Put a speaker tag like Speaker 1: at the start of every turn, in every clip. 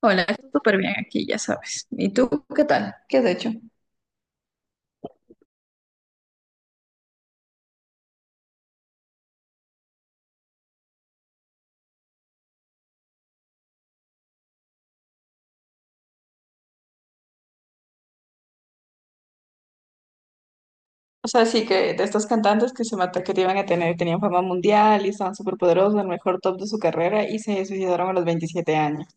Speaker 1: Hola, estoy súper bien aquí, ya sabes. ¿Y tú qué tal? ¿Qué has hecho? O sea, sí que de estos cantantes que se mató que te iban a tener, tenían fama mundial y estaban súper poderosos, el mejor top de su carrera y se suicidaron a los 27 años.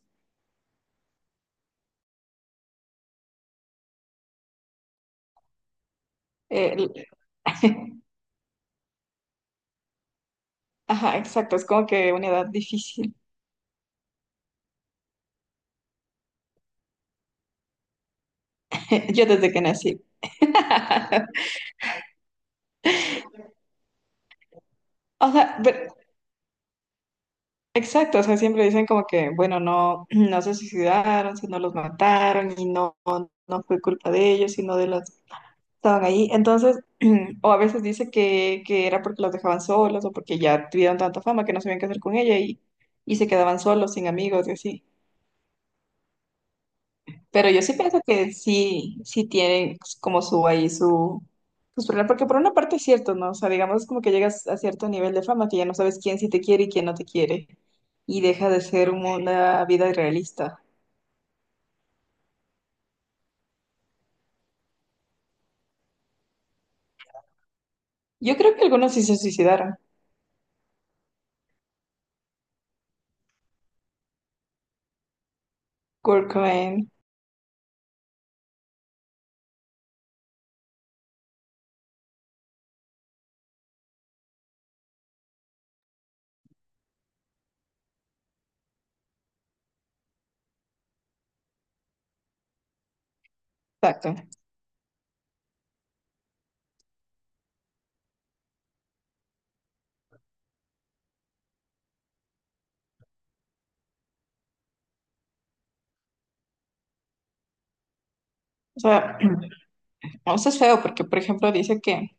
Speaker 1: El- Ajá, exacto, es como que una edad difícil. Yo desde que nací. O sea, ver- exacto, o sea, siempre dicen como que, bueno, no, no se suicidaron, sino los mataron y no fue culpa de ellos, sino de los estaban ahí. Entonces, o a veces dice que era porque los dejaban solos o porque ya tuvieron tanta fama que no sabían qué hacer con ella y se quedaban solos, sin amigos y así. Pero yo sí pienso que sí, sí tienen como su ahí su, sus problemas, porque por una parte es cierto, ¿no? O sea, digamos es como que llegas a cierto nivel de fama que ya no sabes quién sí te quiere y quién no te quiere y deja de ser una vida irrealista. Yo creo que algunos sí se suicidaron. Kurt Cobain, exacto. O sea, o sea, es feo porque, por ejemplo, dice que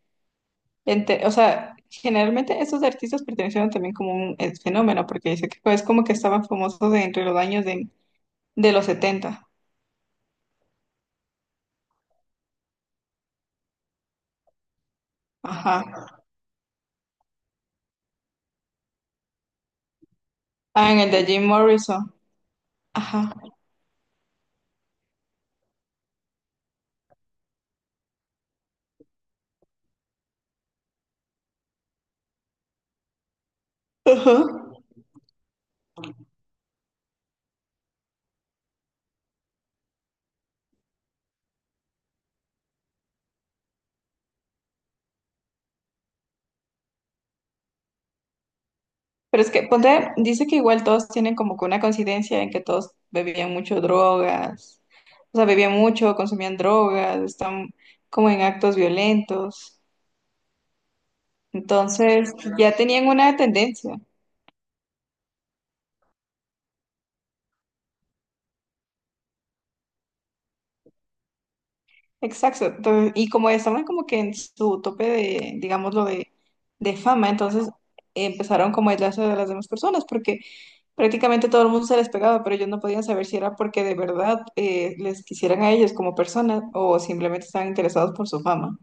Speaker 1: O sea, generalmente esos artistas pertenecieron también como un fenómeno, porque dice que es como que estaban famosos de entre los años de los setenta. Ajá. Ah, en el de Jim Morrison. Ajá. Ajá. Pero es que ponte, dice que igual todos tienen como que una coincidencia en que todos bebían mucho drogas. O sea, bebían mucho, consumían drogas, están como en actos violentos. Entonces, ya tenían una tendencia. Exacto. Entonces, y como estaban como que en su tope de, digámoslo, de fama, entonces empezaron como a aislarse de las demás personas porque prácticamente todo el mundo se les pegaba, pero ellos no podían saber si era porque de verdad les quisieran a ellos como personas o simplemente estaban interesados por su fama.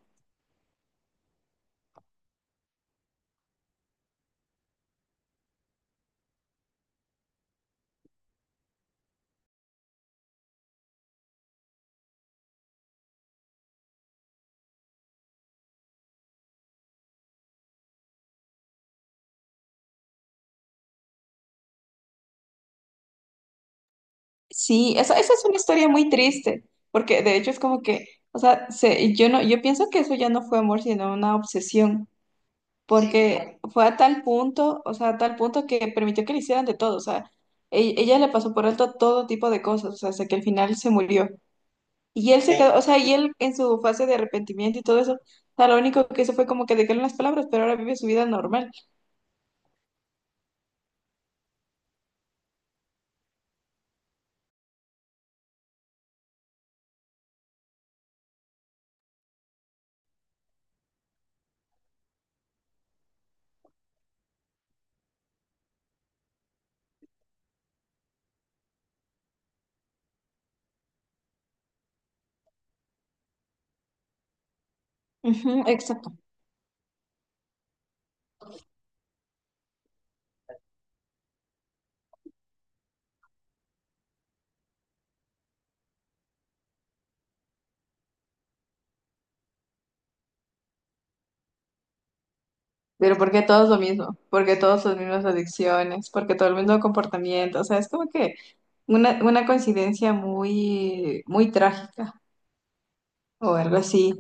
Speaker 1: Sí, esa es una historia muy triste, porque de hecho es como que, o sea, yo no, yo pienso que eso ya no fue amor, sino una obsesión. Porque fue a tal punto, o sea, a tal punto que permitió que le hicieran de todo, o sea, ella, le pasó por alto todo tipo de cosas, o sea, hasta que al final se murió. Y él se quedó, o sea, y él en su fase de arrepentimiento y todo eso, o sea, lo único que hizo fue como que dejarle las palabras, pero ahora vive su vida normal. Ujú, exacto. Pero porque todos lo mismo, porque todos las mismas adicciones, porque todo el mismo comportamiento, o sea, es como que una coincidencia muy, muy trágica o algo así.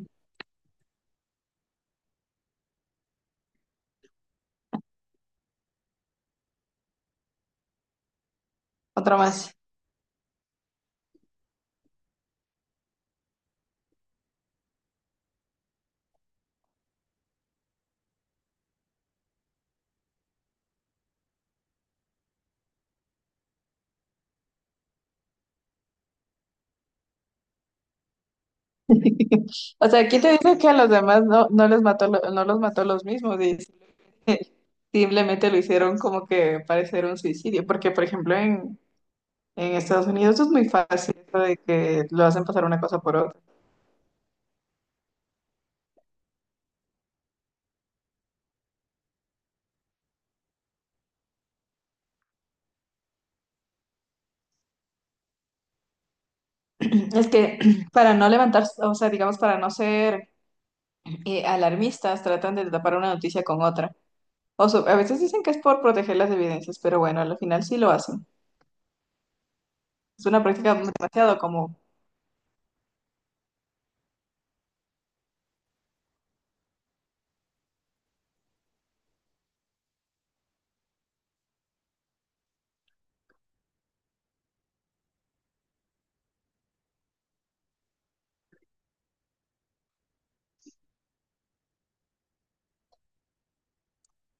Speaker 1: Otra más. O sea, ¿quién te dice que a los demás no, no les mató, no los mató los mismos, dice. Simplemente lo hicieron como que parecer un suicidio, porque por ejemplo en Estados Unidos es muy fácil eso de que lo hacen pasar una cosa por otra. Es que para no levantar, o sea, digamos, para no ser alarmistas, tratan de tapar una noticia con otra. A veces dicen que es por proteger las evidencias, pero bueno, al final sí lo hacen. Es una práctica demasiado común.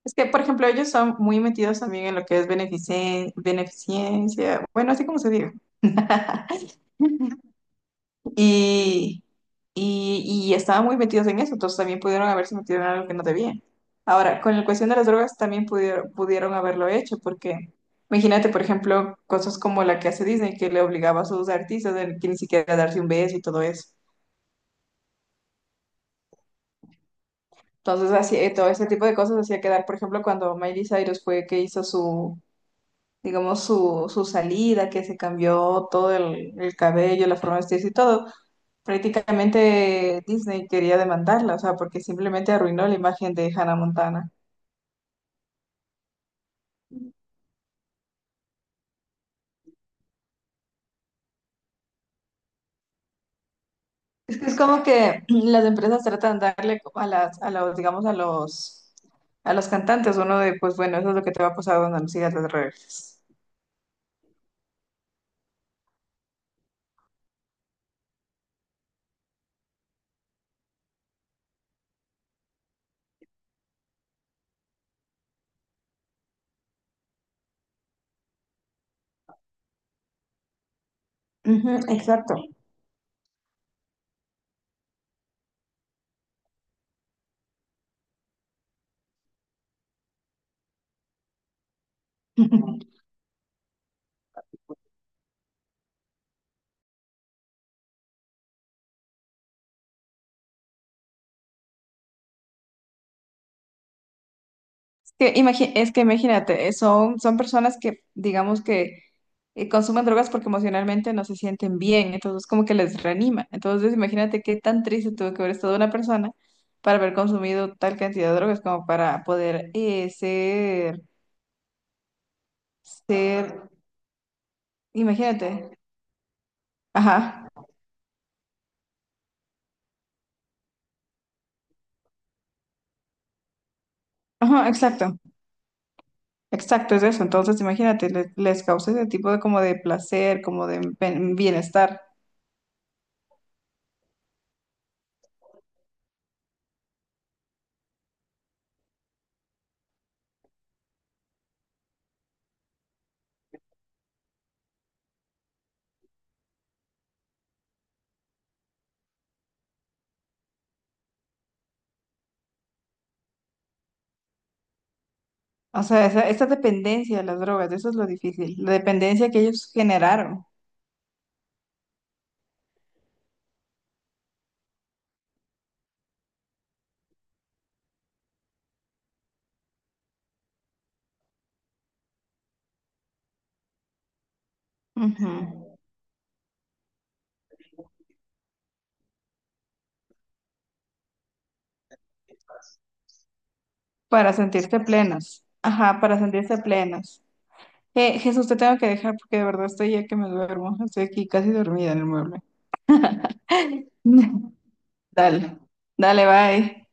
Speaker 1: Es que, por ejemplo, ellos son muy metidos también en lo que es beneficencia, bueno, así como se diga. Y, y estaban muy metidos en eso, entonces también pudieron haberse metido en algo que no debían. Ahora, con la cuestión de las drogas también pudieron haberlo hecho, porque imagínate, por ejemplo, cosas como la que hace Disney, que le obligaba a sus artistas a que ni siquiera darse un beso y todo eso. Entonces, así, todo ese tipo de cosas hacía quedar, por ejemplo, cuando Miley Cyrus fue que hizo su, digamos, su salida, que se cambió todo el cabello, la forma de vestirse y todo. Prácticamente Disney quería demandarla, o sea, porque simplemente arruinó la imagen de Hannah Montana. Es que es como que las empresas tratan de darle como a las, a los, digamos, a los cantantes uno de, pues bueno, eso es lo que te va a pasar cuando me sigas las redes. Ujú, exacto. Es que, es que imagínate, son, son personas que, digamos que consumen drogas porque emocionalmente no se sienten bien, entonces como que les reanima. Entonces imagínate qué tan triste tuvo que haber estado una persona para haber consumido tal cantidad de drogas como para poder ser, imagínate, ajá, ajá, exacto, exacto, es eso. Entonces imagínate, les causa ese tipo de como de placer, como de bienestar. O sea, esa dependencia de las drogas, eso es lo difícil, la dependencia que ellos generaron ujú, para sentirse plenos. Ajá, para sentirse plenos. Jesús, te tengo que dejar porque de verdad estoy ya que me duermo, estoy aquí casi dormida en el mueble. Dale, dale, bye.